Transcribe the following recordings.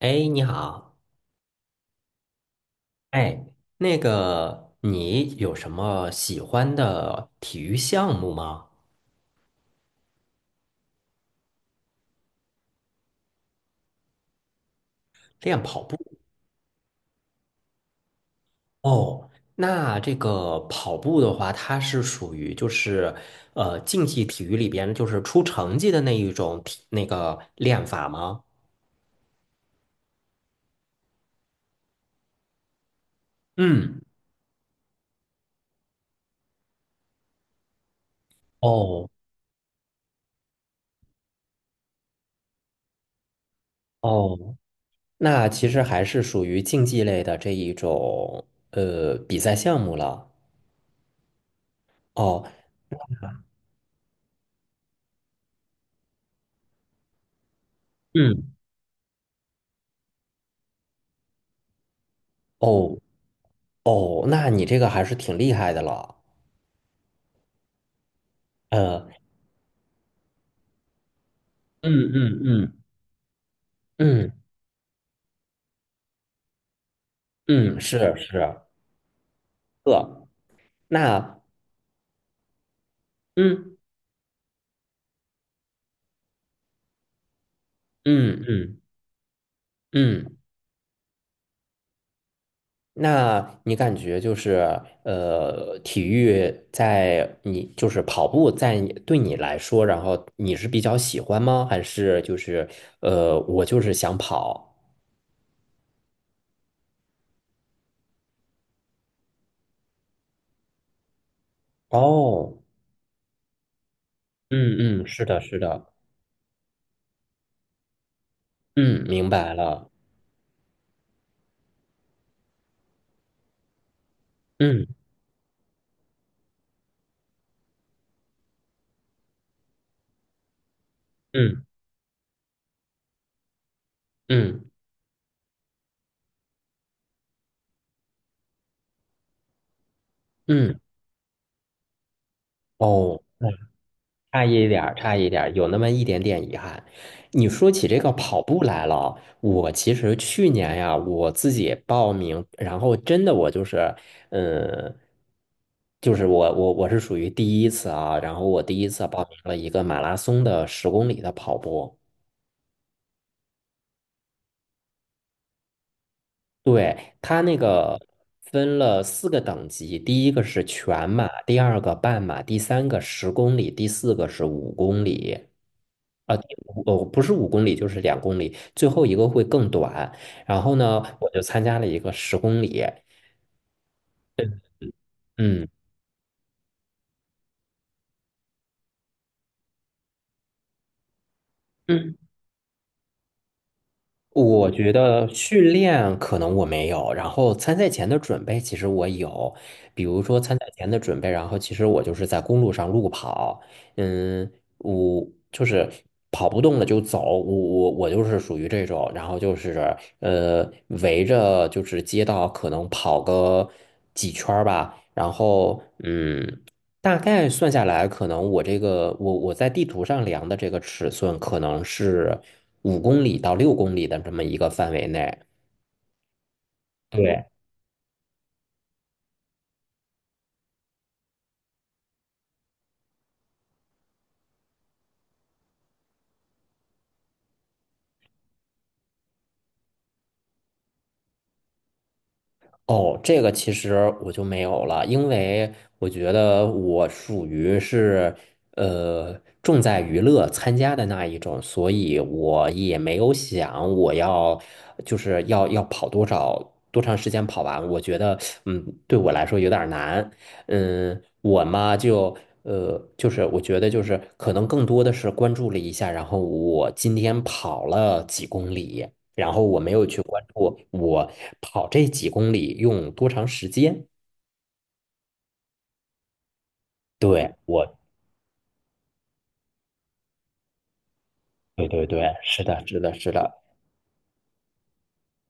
哎，你好。哎，那个，你有什么喜欢的体育项目吗？练跑步。哦，那这个跑步的话，它是属于就是竞技体育里边就是出成绩的那一种那个练法吗？嗯。哦哦，那其实还是属于竞技类的这一种比赛项目了。哦，嗯，哦哦，那你这个还是挺厉害的了。呃，嗯嗯嗯嗯嗯，是是，呃，那嗯嗯嗯嗯，那你感觉就是体育在你就是跑步在你对你来说，然后你是比较喜欢吗？还是就是我就是想跑？哦，嗯嗯，是的，是的，嗯，明白了，嗯嗯嗯嗯，哦。差一点儿，差一点儿，有那么一点点遗憾。你说起这个跑步来了，我其实去年呀，我自己报名，然后真的我就是，嗯，我是属于第一次啊，然后我第一次报名了一个马拉松的十公里的跑步。对，它那个分了四个等级，第一个是全马，第二个半马，第三个十公里，第四个是五公里。啊，第五哦，不是五公里，就是2公里，最后一个会更短。然后呢，我就参加了一个十公里。嗯。嗯我觉得训练可能我没有，然后参赛前的准备其实我有，比如说参赛前的准备，然后其实我就是在公路上路跑。嗯，我就是跑不动了就走，我就是属于这种，然后就是围着就是街道可能跑个几圈儿吧，然后嗯。大概算下来，可能我这个我在地图上量的这个尺寸，可能是。5公里到6公里的这么一个范围内。对，哦，这个其实我就没有了，因为我觉得我属于是呃重在娱乐参加的那一种，所以我也没有想我要就是要跑多少多长时间跑完，我觉得对我来说有点儿难。嗯，我嘛就就是我觉得就是可能更多的是关注了一下，然后我今天跑了几公里。然后我没有去关注我跑这几公里用多长时间。对，我，对对对，是的，是的，是的。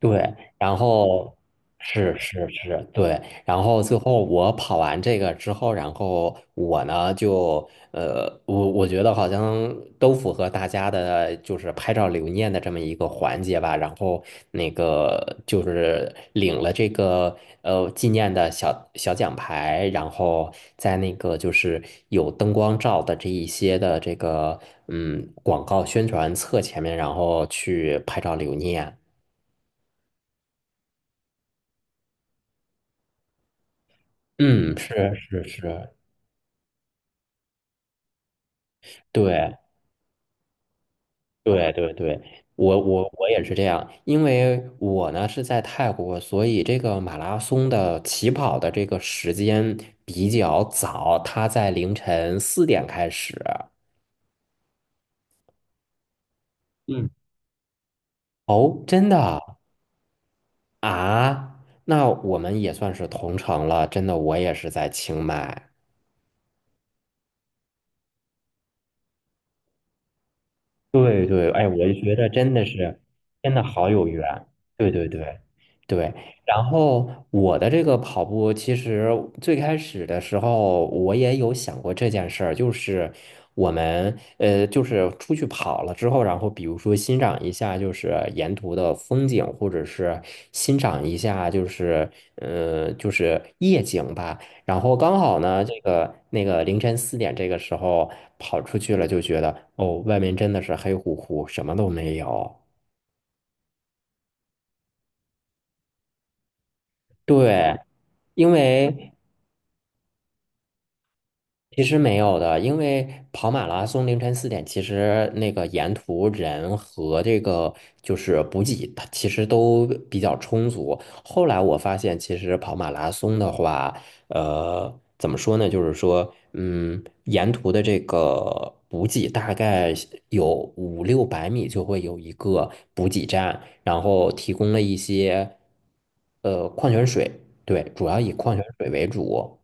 对。然后是是是，对，然后最后我跑完这个之后，然后我呢就我觉得好像都符合大家的，就是拍照留念的这么一个环节吧。然后那个就是领了这个纪念的小小奖牌，然后在那个就是有灯光照的这一些的这个广告宣传册前面，然后去拍照留念。嗯，是是是，对对对对，我也是这样，因为我呢是在泰国，所以这个马拉松的起跑的这个时间比较早，它在凌晨四点开始。嗯，哦，真的啊？那我们也算是同城了，真的，我也是在清迈。对对，哎，我就觉得真的是，真的好有缘。对对对对，然后我的这个跑步，其实最开始的时候，我也有想过这件事儿，就是我们就是出去跑了之后，然后比如说欣赏一下就是沿途的风景，或者是欣赏一下就是就是夜景吧。然后刚好呢，这个那个凌晨四点这个时候跑出去了，就觉得哦，外面真的是黑乎乎，什么都没有。对，因为其实没有的，因为跑马拉松凌晨四点，其实那个沿途人和这个就是补给，它其实都比较充足。后来我发现，其实跑马拉松的话，呃，怎么说呢？就是说，沿途的这个补给大概有五六百米就会有一个补给站，然后提供了一些矿泉水。对，主要以矿泉水为主。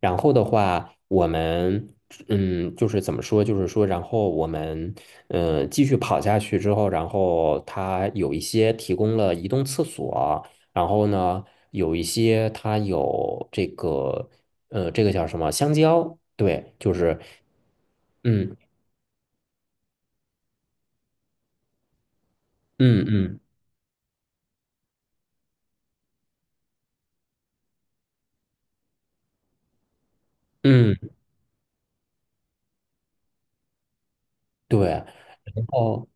然后的话，我们嗯，就是怎么说，就是说，然后我们继续跑下去之后，然后它有一些提供了移动厕所，然后呢，有一些它有这个这个叫什么香蕉？对，就是嗯嗯嗯嗯，对。然后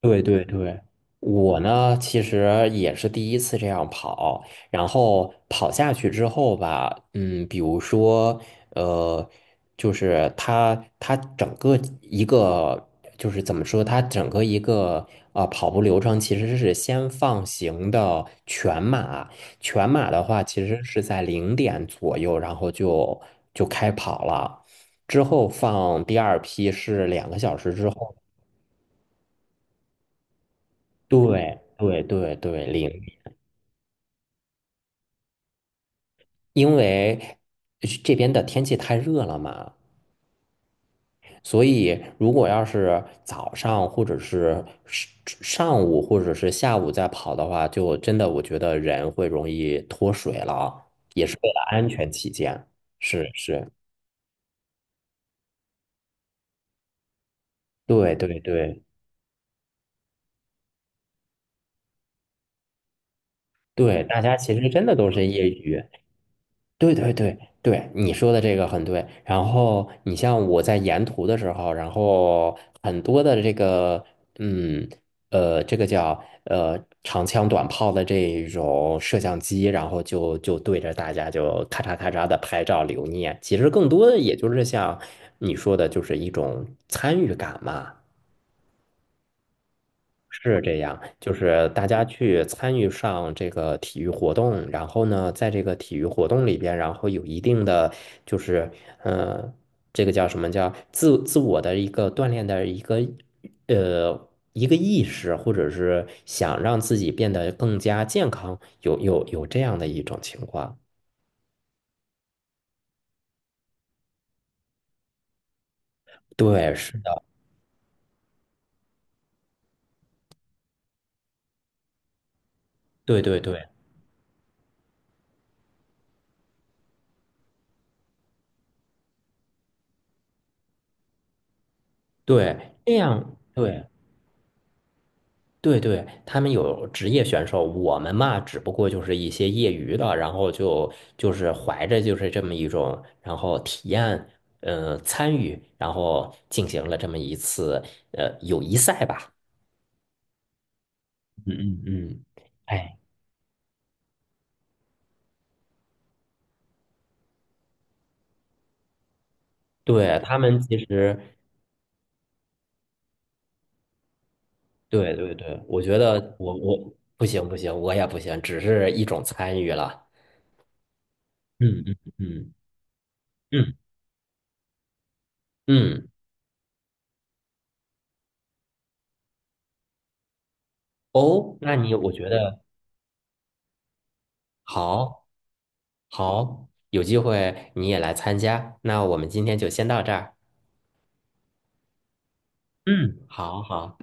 对对对，我呢其实也是第一次这样跑，然后跑下去之后吧，嗯，比如说，呃，就是它整个一个就是怎么说，它整个一个啊跑步流程其实是先放行的全马，全马的话其实是在零点左右，然后就开跑了。之后放第二批是2个小时之后。对对对对，零，因为这边的天气太热了嘛，所以如果要是早上或者是上午或者是下午再跑的话，就真的我觉得人会容易脱水了，安全起见。是是，对对对对，大家其实真的都是业余。对对对对，你说的这个很对。然后你像我在沿途的时候，然后很多的这个，嗯，这个叫长枪短炮的这种摄像机，然后就对着大家就咔嚓咔嚓的拍照留念。其实更多的也就是像你说的，就是一种参与感嘛。是这样，就是大家去参与上这个体育活动，然后呢，在这个体育活动里边，然后有一定的就是，呃，这个叫什么叫自我的一个锻炼的一个一个意识，或者是想让自己变得更加健康，有这样的一种情况。对，是的，对对对对，这样对。对对，他们有职业选手，我们嘛，只不过就是一些业余的，然后就是怀着就是这么一种，然后体验，参与，然后进行了这么一次友谊赛吧。嗯嗯嗯，哎，对，他们其实，对对对，我觉得我不行不行，我也不行，只是一种参与了。嗯嗯嗯嗯嗯，哦，那你我觉得好。好，有机会你也来参加。那我们今天就先到这儿。嗯，好好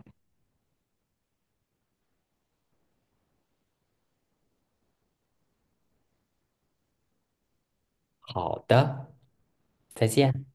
好的，再见。